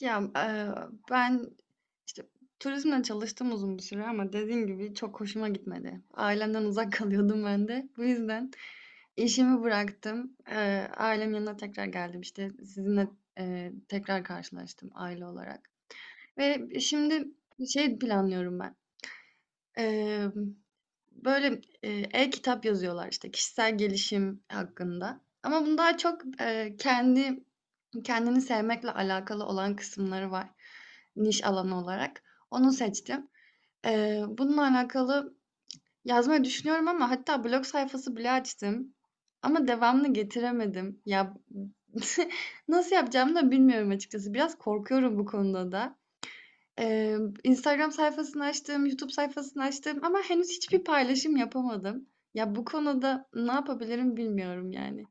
Ya, eee, ben, işte, turizmle çalıştım uzun bir süre ama dediğim gibi çok hoşuma gitmedi. Ailemden uzak kalıyordum ben de. Bu yüzden işimi bıraktım. Ailemin yanına tekrar geldim. İşte sizinle, tekrar karşılaştım aile olarak ve şimdi şey planlıyorum ben. Emm, Böyle, e-kitap yazıyorlar, işte, kişisel gelişim hakkında ama bunun daha çok, kendi kendini sevmekle alakalı olan kısımları var niş alanı olarak. Onu seçtim. Bununla alakalı yazmayı düşünüyorum ama hatta blog sayfası bile açtım ama devamını getiremedim. Ya, nasıl yapacağımı da bilmiyorum açıkçası. Biraz korkuyorum bu konuda da. Instagram sayfasını açtım, YouTube sayfasını açtım ama henüz hiçbir paylaşım yapamadım. Ya, bu konuda ne yapabilirim bilmiyorum yani.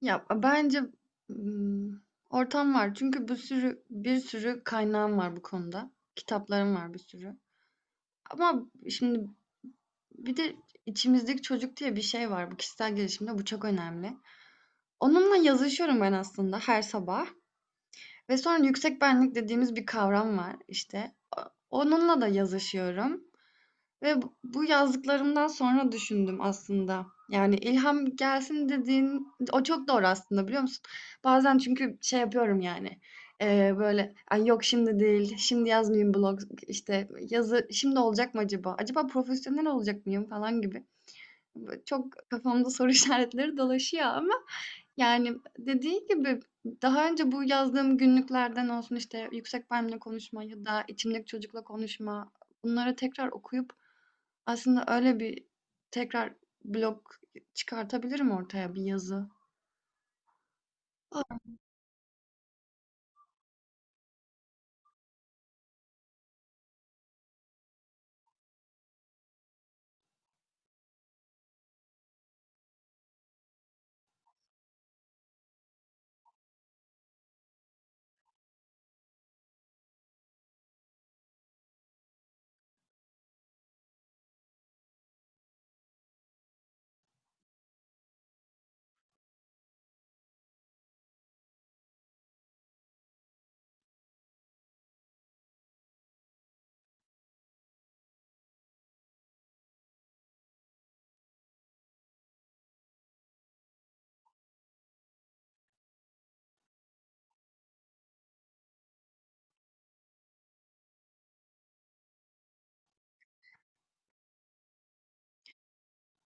Ya, bence, ımm, ortam var çünkü bir sürü kaynağım var bu konuda. Kitaplarım var bir sürü ama şimdi bir de içimizdeki çocuk diye bir şey var. Bu kişisel gelişimde bu çok önemli. Onunla yazışıyorum ben aslında her sabah ve sonra yüksek benlik dediğimiz bir kavram var, işte. Onunla da yazışıyorum. Ve bu yazdıklarımdan sonra düşündüm aslında. Yani ilham gelsin dediğin o çok doğru aslında biliyor musun? Bazen çünkü şey yapıyorum yani. Böyle, "Ay yok şimdi değil. Şimdi yazmayayım, blog işte yazı şimdi olacak mı acaba? Acaba profesyonel olacak mıyım falan gibi." Böyle çok kafamda soru işaretleri dolaşıyor ama yani dediğin gibi daha önce bu yazdığım günlüklerden olsun işte yüksek benimle konuşma ya da içimdeki çocukla konuşma, bunları tekrar okuyup aslında öyle bir tekrar blog çıkartabilirim ortaya, bir yazı.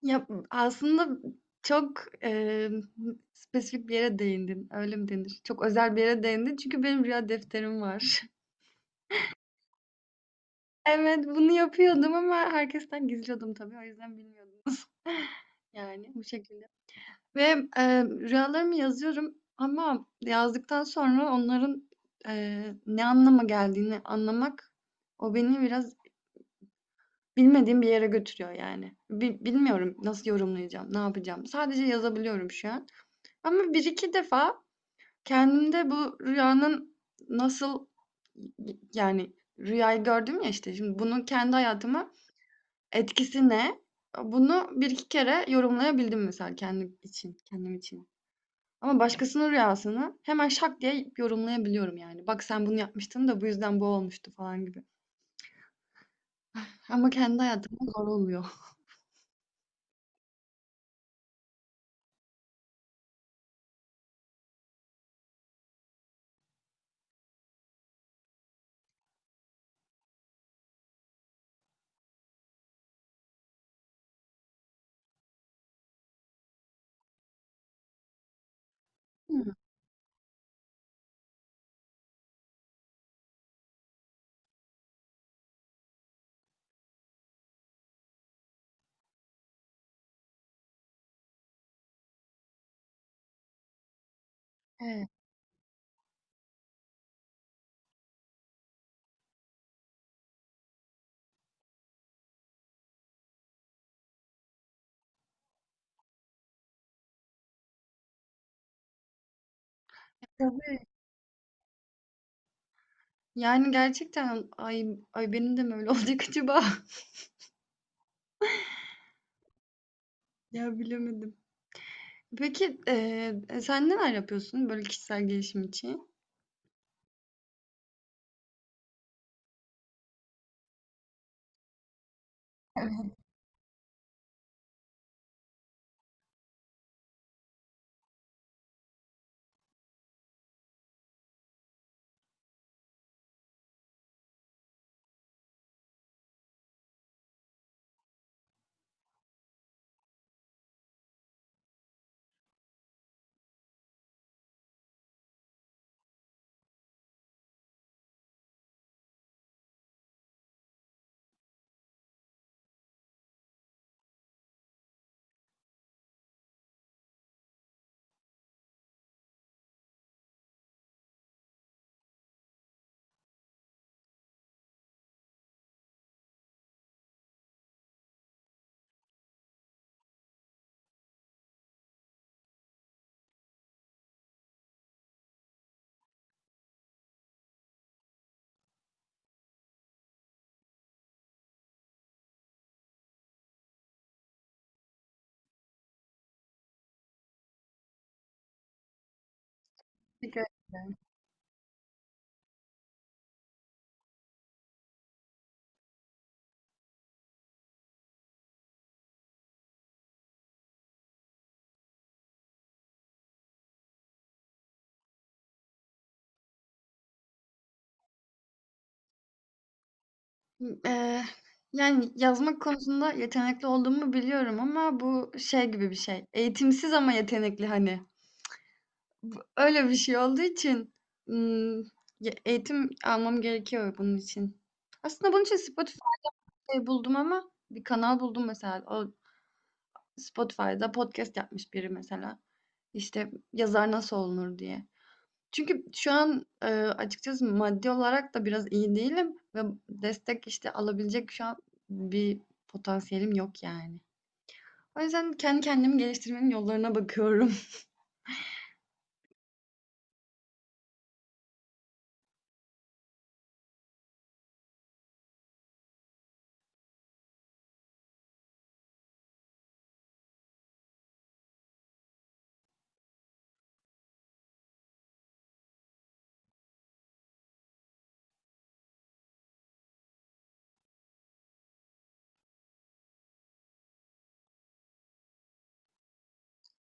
Ya, aslında çok, spesifik bir yere değindin, öyle mi denir? Çok özel bir yere değindin çünkü benim rüya defterim var. Evet, bunu yapıyordum ama herkesten gizliyordum tabii, o yüzden bilmiyordunuz. Yani bu şekilde ve, rüyalarımı yazıyorum ama yazdıktan sonra onların, ne anlama geldiğini anlamak, o beni biraz bilmediğim bir yere götürüyor yani. Bi bilmiyorum nasıl yorumlayacağım, ne yapacağım. Sadece yazabiliyorum şu an. Ama bir iki defa kendimde bu rüyanın nasıl yani rüyayı gördüm ya işte şimdi bunun kendi hayatıma etkisi ne? Bunu bir iki kere yorumlayabildim mesela kendim için, kendim için. Ama başkasının rüyasını hemen şak diye yorumlayabiliyorum yani. Bak sen bunu yapmıştın da bu yüzden bu olmuştu falan gibi. Ama kendi hayatımda zor oluyor. Evet. Yani gerçekten ay ay benim de mi öyle olacak acaba? Ya bilemedim. Peki, sen neler yapıyorsun böyle kişisel gelişim için? Peki, ımm, yani yazmak konusunda yetenekli olduğumu biliyorum ama bu şey gibi bir şey, eğitimsiz ama yetenekli hani. Bu öyle bir şey olduğu için, ımm, ya eğitim almam gerekiyor bunun için. Aslında bunun için Spotify'da buldum ama bir kanal buldum mesela. O Spotify'da podcast yapmış biri mesela. İşte yazar nasıl olunur diye. Çünkü şu an, açıkçası maddi olarak da biraz iyi değilim ve destek, işte, alabilecek şu an bir potansiyelim yok yani. O yüzden kendi kendimi geliştirmenin yollarına bakıyorum.